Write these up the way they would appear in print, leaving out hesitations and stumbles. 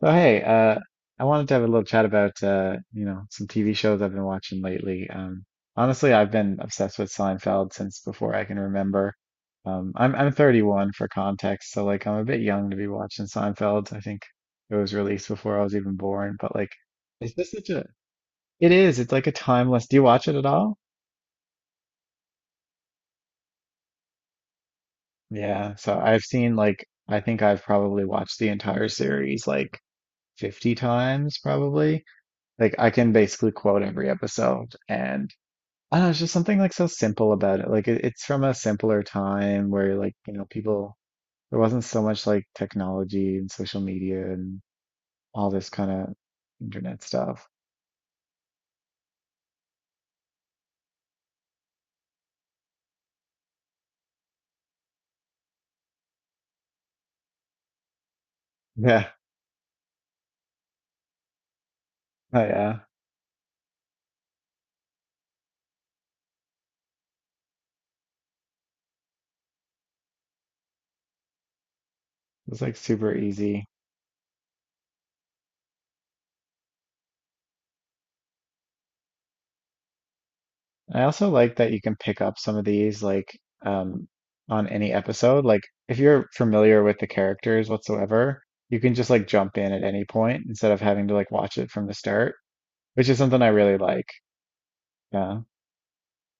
So hey, I wanted to have a little chat about some TV shows I've been watching lately. Honestly, I've been obsessed with Seinfeld since before I can remember. I'm 31 for context, so like I'm a bit young to be watching Seinfeld. I think it was released before I was even born, but like, is this such a? It is. It's like a timeless. Do you watch it at all? Yeah. So I've seen like I think I've probably watched the entire series like 50 times probably. Like I can basically quote every episode and I don't know, it's just something like so simple about it. Like it's from a simpler time where people there wasn't so much like technology and social media and all this kind of internet stuff. Yeah. Oh yeah. It was like super easy. I also like that you can pick up some of these like um on any episode. Like if you're familiar with the characters whatsoever, you can just like jump in at any point instead of having to like watch it from the start, which is something I really like. Yeah.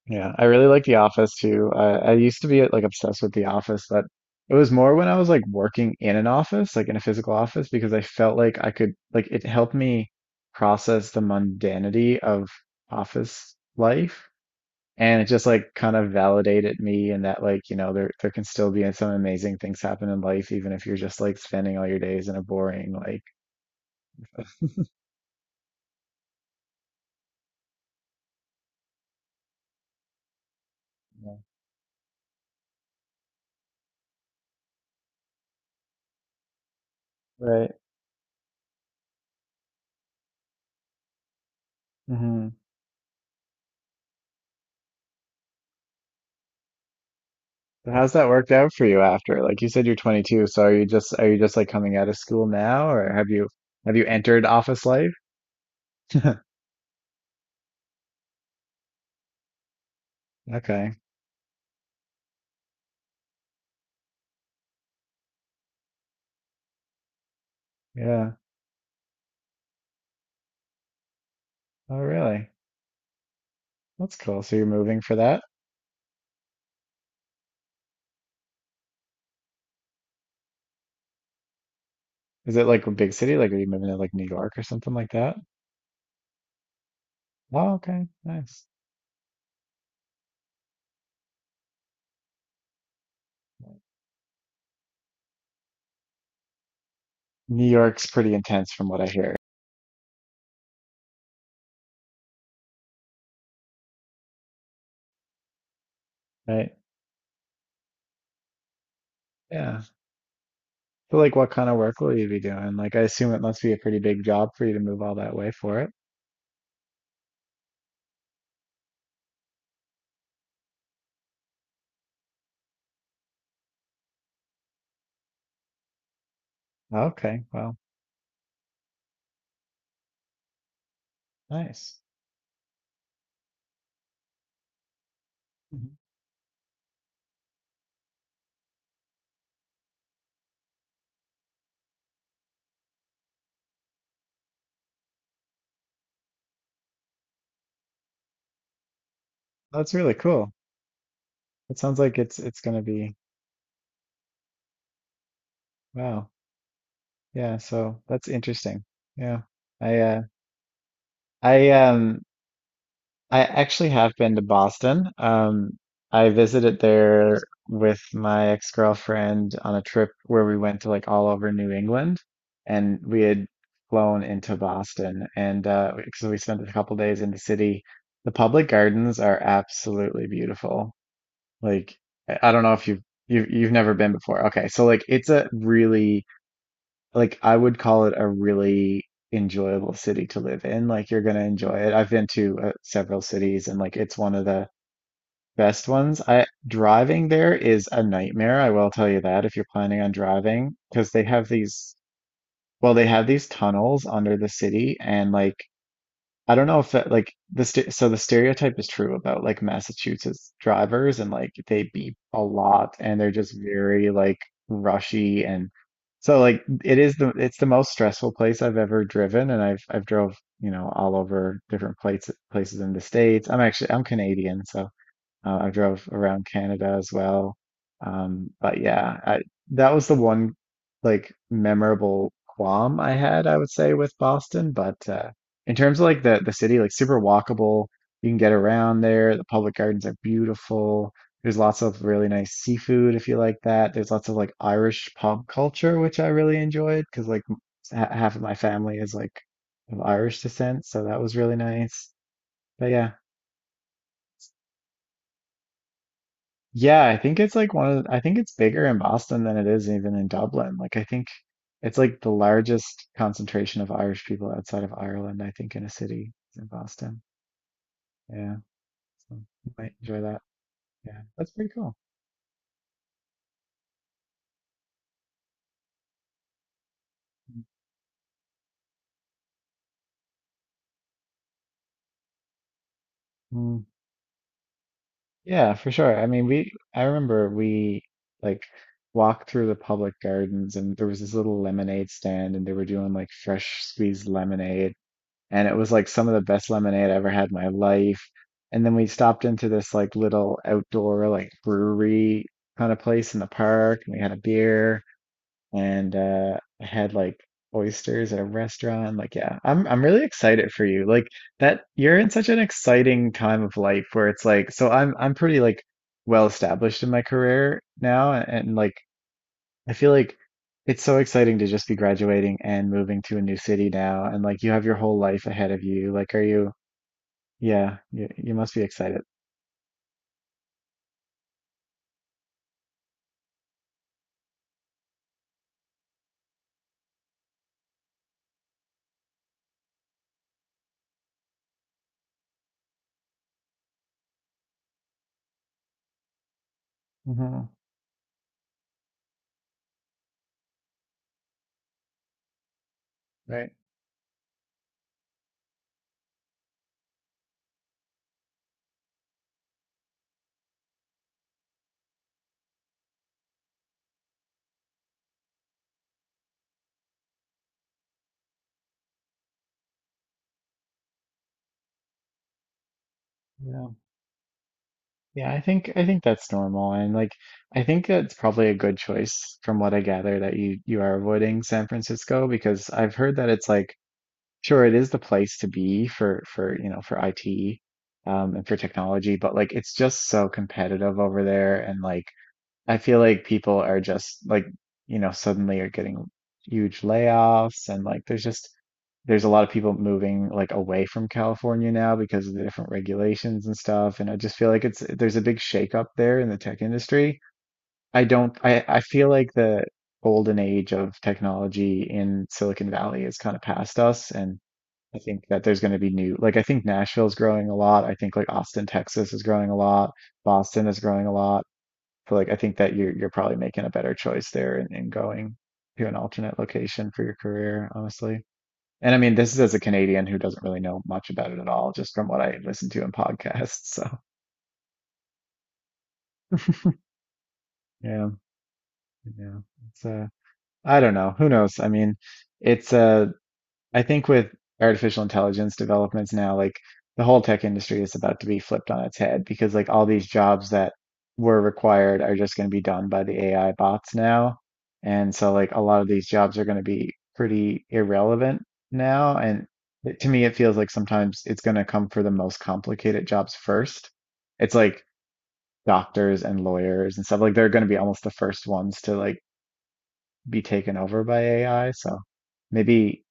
Yeah. I really like The Office too. I used to be like obsessed with The Office, but it was more when I was like working in an office, like in a physical office, because I felt like I could, like, it helped me process the mundanity of office life. And it just like kind of validated me in that like, you know, there can still be some amazing things happen in life, even if you're just like spending all your days in a boring like, you know, right. How's that worked out for you after? Like you said you're 22, so are you just like coming out of school now or have you entered office life? Okay. Yeah. Oh, really? That's cool. So you're moving for that? Is it like a big city? Like are you moving to like New York or something like that? Oh, okay. Nice. New York's pretty intense from what I hear, right? Yeah. So like what kind of work will you be doing? Like I assume it must be a pretty big job for you to move all that way for it. Okay. Well, nice. Mhm. That's really cool. It sounds like it's gonna be. Wow. Yeah, so that's interesting. Yeah. I uh I um I actually have been to Boston. I visited there with my ex-girlfriend on a trip where we went to like all over New England, and we had flown into Boston, and so we spent a couple days in the city. The public gardens are absolutely beautiful. Like I don't know if you've never been before. Okay, so like it's a really like I would call it a really enjoyable city to live in. Like you're gonna enjoy it. I've been to several cities and like it's one of the best ones. I driving there is a nightmare, I will tell you that if you're planning on driving, because they have these well, they have these tunnels under the city and like I don't know if that like the st so the stereotype is true about like Massachusetts drivers and like they beep a lot and they're just very like rushy, and so like it's the most stressful place I've ever driven, and I've drove, you know, all over different places in the States. I'm Canadian, so I drove around Canada as well. But yeah, that was the one like memorable qualm I had, I would say, with Boston. But in terms of like the city, like super walkable, you can get around there. The public gardens are beautiful. There's lots of really nice seafood if you like that. There's lots of like Irish pub culture, which I really enjoyed because like m- ha half of my family is like of Irish descent, so that was really nice. But yeah. Yeah, I think it's like one of the, I think it's bigger in Boston than it is even in Dublin. Like I think it's like the largest concentration of Irish people outside of Ireland, I think, in a city is in Boston. Yeah. So you might enjoy that. Yeah. That's pretty cool. Mm, yeah, for sure. I mean, we I remember we like walked through the public gardens, and there was this little lemonade stand, and they were doing like fresh squeezed lemonade, and it was like some of the best lemonade I ever had in my life. And then we stopped into this like little outdoor like brewery kind of place in the park, and we had a beer and had like oysters at a restaurant. Like, yeah, I'm really excited for you. Like that you're in such an exciting time of life where it's like so I'm pretty like well established in my career now, and like I feel like it's so exciting to just be graduating and moving to a new city now, and like you have your whole life ahead of you. Like, are you? Yeah, you must be excited. Hmm. Right. Yeah. Yeah, I think that's normal, and like I think that's probably a good choice from what I gather that you are avoiding San Francisco, because I've heard that it's like sure it is the place to be for you know for IT, and for technology, but like it's just so competitive over there, and like I feel like people are just like, you know, suddenly are getting huge layoffs, and like there's just there's a lot of people moving like away from California now because of the different regulations and stuff. And I just feel like it's there's a big shakeup there in the tech industry. I don't I feel like the golden age of technology in Silicon Valley is kind of past us, and I think that there's going to be new like I think Nashville's growing a lot. I think like Austin, Texas is growing a lot. Boston is growing a lot. So like I think that you're probably making a better choice there in going to an alternate location for your career, honestly. And I mean, this is as a Canadian who doesn't really know much about it at all, just from what I listen to in podcasts. So yeah, yeah. It's I don't know. Who knows? I mean, it's I think with artificial intelligence developments now, like the whole tech industry is about to be flipped on its head, because like all these jobs that were required are just going to be done by the AI bots now. And so like a lot of these jobs are going to be pretty irrelevant now. And it- to me, it feels like sometimes it's going to come for the most complicated jobs first. It's like doctors and lawyers and stuff like they're going to be almost the first ones to like be taken over by AI. So maybe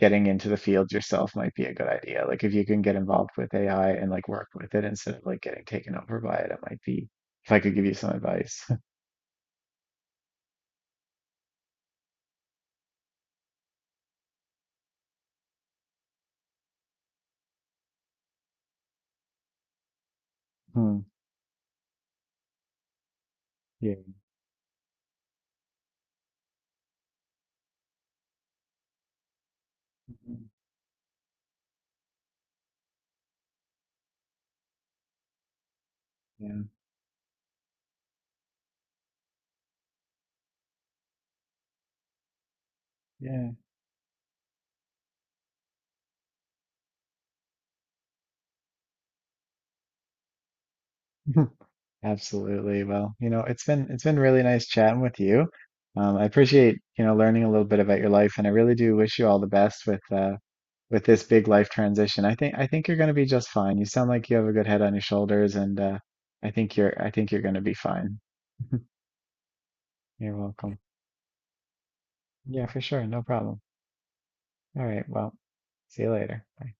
getting into the field yourself might be a good idea. Like if you can get involved with AI and like work with it instead of like getting taken over by it, it might be if I could give you some advice. Hmm. Yeah. Mhm. Yeah. Yeah. Absolutely. Well, you know, it's been really nice chatting with you. I appreciate, you know, learning a little bit about your life, and I really do wish you all the best with this big life transition. I think you're going to be just fine. You sound like you have a good head on your shoulders, and uh, I think you're going to be fine. You're welcome. Yeah, for sure. No problem. All right. Well, see you later. Bye.